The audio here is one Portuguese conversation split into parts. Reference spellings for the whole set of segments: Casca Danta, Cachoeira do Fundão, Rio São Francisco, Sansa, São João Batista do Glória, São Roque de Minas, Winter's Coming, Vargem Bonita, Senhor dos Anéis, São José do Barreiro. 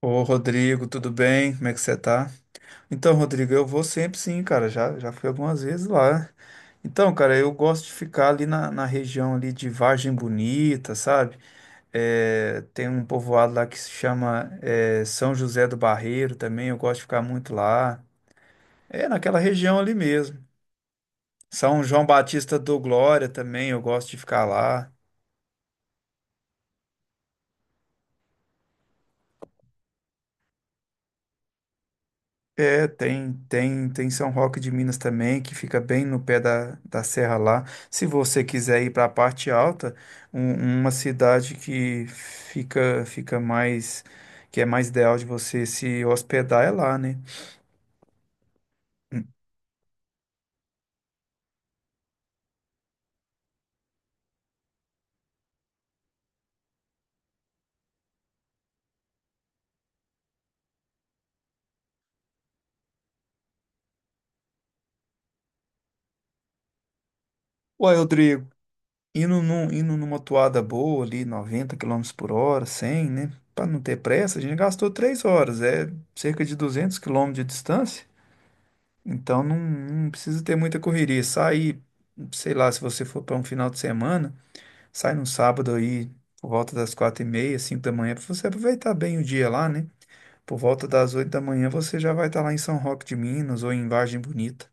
Ô, Rodrigo, tudo bem? Como é que você tá? Então, Rodrigo, eu vou sempre sim, cara. Já fui algumas vezes lá. Então, cara, eu gosto de ficar ali na região ali de Vargem Bonita, sabe? É, tem um povoado lá que se chama é, São José do Barreiro também. Eu gosto de ficar muito lá. É naquela região ali mesmo. São João Batista do Glória também, eu gosto de ficar lá. É, tem São Roque de Minas também, que fica bem no pé da serra lá. Se você quiser ir para a parte alta, uma cidade que fica, fica mais, que é mais ideal de você se hospedar é lá, né? Hum. Uai, Rodrigo, indo numa toada boa ali, 90 km/h, 100 km/h, né? Para não ter pressa, a gente gastou 3 horas, é cerca de 200 km de distância. Então não precisa ter muita correria. Sai, sei lá, se você for para um final de semana, sai no sábado aí por volta das 4h30, 5 da manhã, para você aproveitar bem o dia lá, né? Por volta das 8 da manhã você já vai estar lá em São Roque de Minas ou em Vargem Bonita.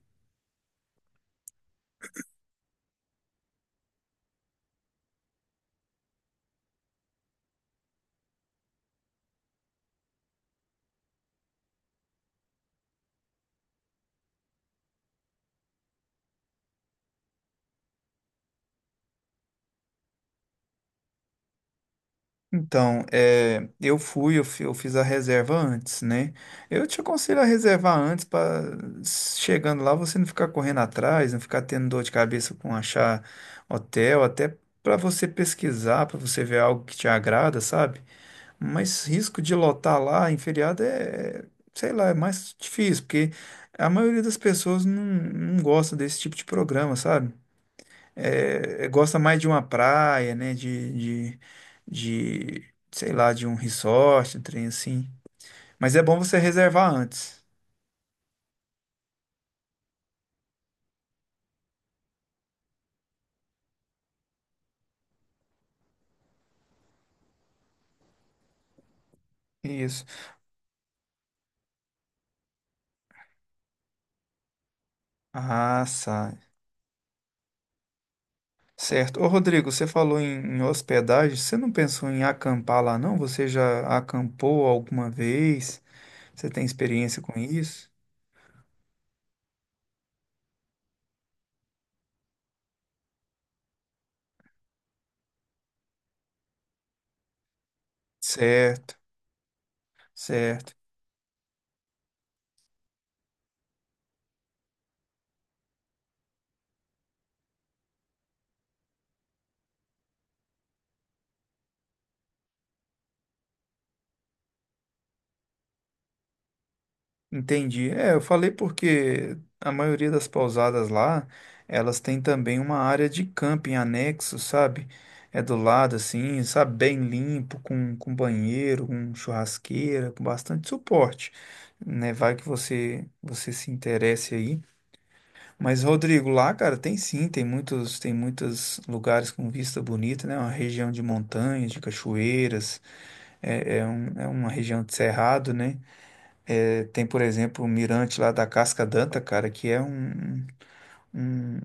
Então, é, eu fui, eu, fi- eu fiz a reserva antes, né? Eu te aconselho a reservar antes para chegando lá você não ficar correndo atrás, não ficar tendo dor de cabeça com achar hotel, até para você pesquisar, para você ver algo que te agrada, sabe? Mas risco de lotar lá em feriado é, sei lá, é mais difícil, porque a maioria das pessoas não gosta desse tipo de programa, sabe? É, gosta mais de uma praia, né? Sei lá, de um resort, um trem assim. Mas é bom você reservar antes. Isso. Ah, sai. Certo. Ô, Rodrigo, você falou em hospedagem. Você não pensou em acampar lá, não? Você já acampou alguma vez? Você tem experiência com isso? Certo, certo. Entendi. É, eu falei porque a maioria das pousadas lá, elas têm também uma área de camping anexo, sabe? É do lado assim, sabe? Bem limpo, com banheiro, com churrasqueira, com bastante suporte, né? Vai que você se interesse aí. Mas Rodrigo, lá, cara, tem sim, tem muitos lugares com vista bonita, né? Uma região de montanhas, de cachoeiras, é, é uma região de cerrado, né? É, tem, por exemplo, o mirante lá da Casca Danta, cara, que é um, um-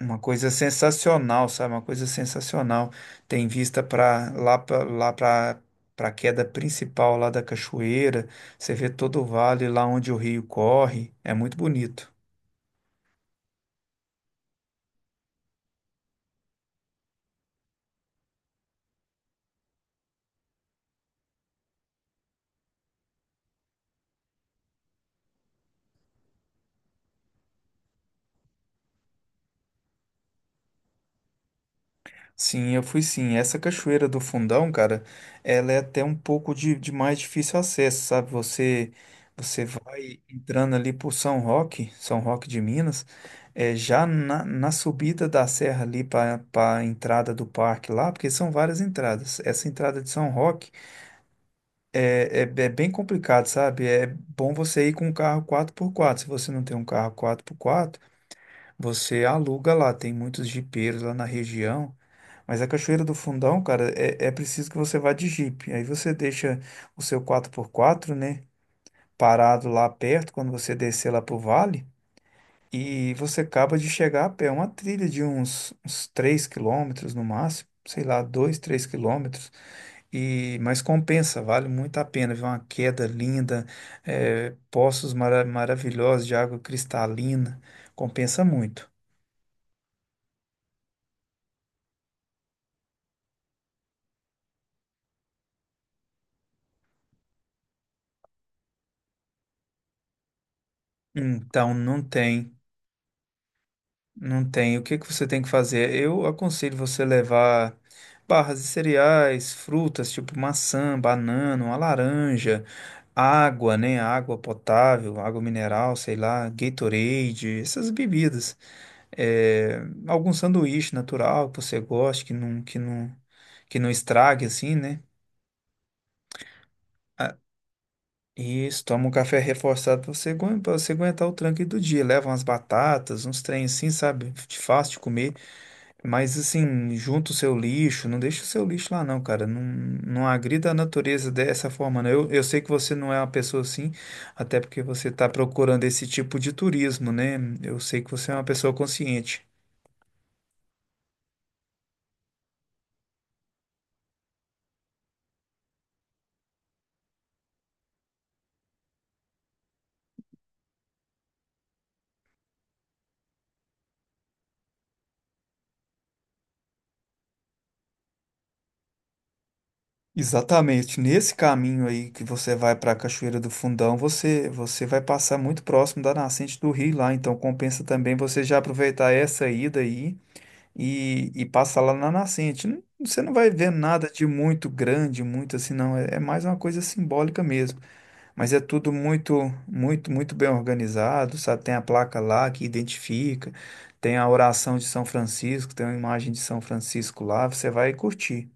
uma coisa sensacional, sabe? Uma coisa sensacional. Tem vista para a queda principal lá da cachoeira. Você vê todo o vale lá onde o rio corre. É muito bonito. Sim, eu fui sim. Essa cachoeira do Fundão, cara, ela é até um pouco de mais difícil acesso, sabe? Você vai entrando ali por São Roque, São Roque de Minas, é, já na subida da serra ali para a entrada do parque lá, porque são várias entradas. Essa entrada de São Roque é bem complicado, sabe? É bom você ir com um carro quatro por quatro. Se você não tem um carro quatro por quatro você aluga lá, tem muitos jipeiros lá na região. Mas a Cachoeira do Fundão, cara, é preciso que você vá de Jeep. Aí você deixa o seu quatro por quatro, né, parado lá perto, quando você descer lá pro vale, e você acaba de chegar a pé. É uma trilha de uns 3 quilômetros no máximo, sei lá, dois, 3 km. E, mas compensa, vale muito a pena. Viu? Uma queda linda, é, poços maravilhosos de água cristalina, compensa muito. Então, não tem, não tem. O que que você tem que fazer? Eu aconselho você levar barras de cereais, frutas tipo maçã, banana, uma laranja, água, né? Água potável, água mineral, sei lá, Gatorade, essas bebidas. É, algum sanduíche natural que você goste, que não estrague assim, né? Isso, toma um café reforçado pra você, pra você aguentar o tranco aí do dia. Leva umas batatas, uns trem assim, sabe? De fácil de comer. Mas assim, junta o seu lixo, não deixa o seu lixo lá não, cara. Não, não agrida a natureza dessa forma, não. Eu sei que você não é uma pessoa assim, até porque você está procurando esse tipo de turismo, né? Eu sei que você é uma pessoa consciente. Exatamente. Nesse caminho aí que você vai para a Cachoeira do Fundão, você vai passar muito próximo da nascente do rio lá, então compensa também você já aproveitar essa ida aí e passar lá na nascente. Não- Você não vai ver nada de muito grande, muito assim, não. É, é mais uma coisa simbólica mesmo. Mas é tudo muito, muito, muito bem organizado, sabe? Tem a placa lá que identifica, tem a oração de São Francisco, tem uma imagem de São Francisco lá, você vai curtir.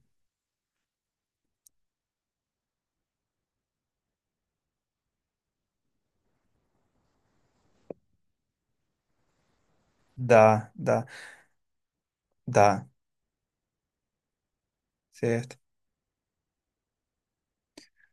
Dá, dá. Dá. Certo,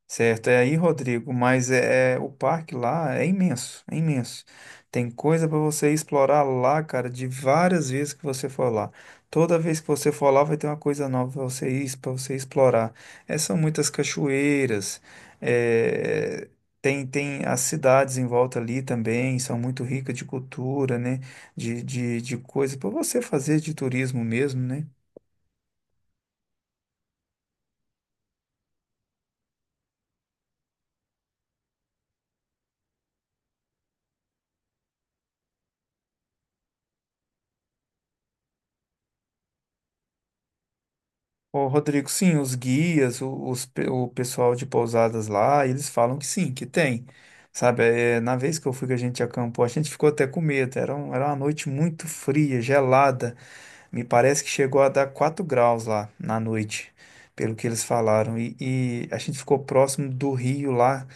certo. É aí, Rodrigo, mas é- o parque lá é imenso, é imenso. Tem coisa para você explorar lá, cara, de várias vezes que você for lá. Toda vez que você for lá, vai ter uma coisa nova para você ir, para você explorar. É, são muitas cachoeiras, é, tem as cidades em volta ali também, são muito ricas de cultura, né? De coisa para você fazer de turismo mesmo, né? Ô, Rodrigo, sim, os guias, o pessoal de pousadas lá, eles falam que sim, que tem. Sabe, é, na vez que eu fui que a gente acampou, a gente ficou até com medo. Era uma noite muito fria, gelada. Me parece que chegou a dar 4 graus lá na noite, pelo que eles falaram. E a gente ficou próximo do rio lá,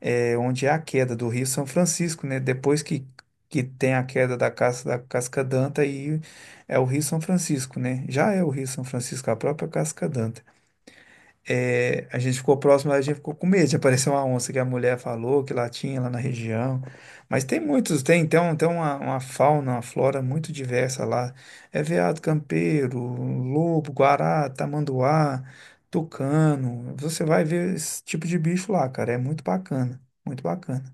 é, onde é a queda do Rio São Francisco, né? Que tem a queda da Casca d'Anta, aí é o Rio São Francisco, né? Já é o Rio São Francisco, a própria Casca d'Anta. É, a gente ficou próximo, mas a gente ficou com medo de aparecer uma onça que a mulher falou que lá tinha, lá na região. Mas tem muitos, tem uma fauna, uma flora muito diversa lá. É veado campeiro, lobo, guará, tamanduá, tucano. Você vai ver esse tipo de bicho lá, cara. É muito bacana, muito bacana.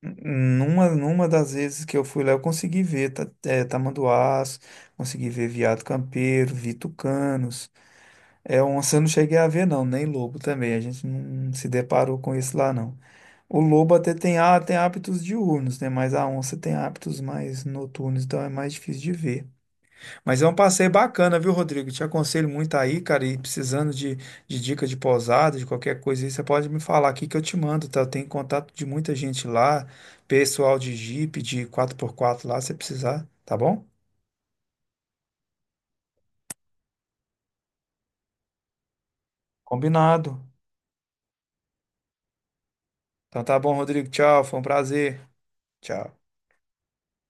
Numa das vezes que eu fui lá, eu consegui ver tamanduás, consegui ver veado campeiro, vi tucanos. É onça eu não cheguei a ver, não, nem lobo também. A gente não se deparou com isso lá, não. O lobo até tem hábitos diurnos, né? Mas a onça tem hábitos mais noturnos, então é mais difícil de ver. Mas é um passeio bacana, viu, Rodrigo? Te aconselho muito aí, cara, e precisando de dica de pousada, de qualquer coisa aí, você pode me falar aqui que eu te mando, tá? Eu tenho contato de muita gente lá, pessoal de Jeep, de quatro por quatro lá, se precisar, tá bom? Combinado. Então tá bom, Rodrigo. Tchau, foi um prazer. Tchau.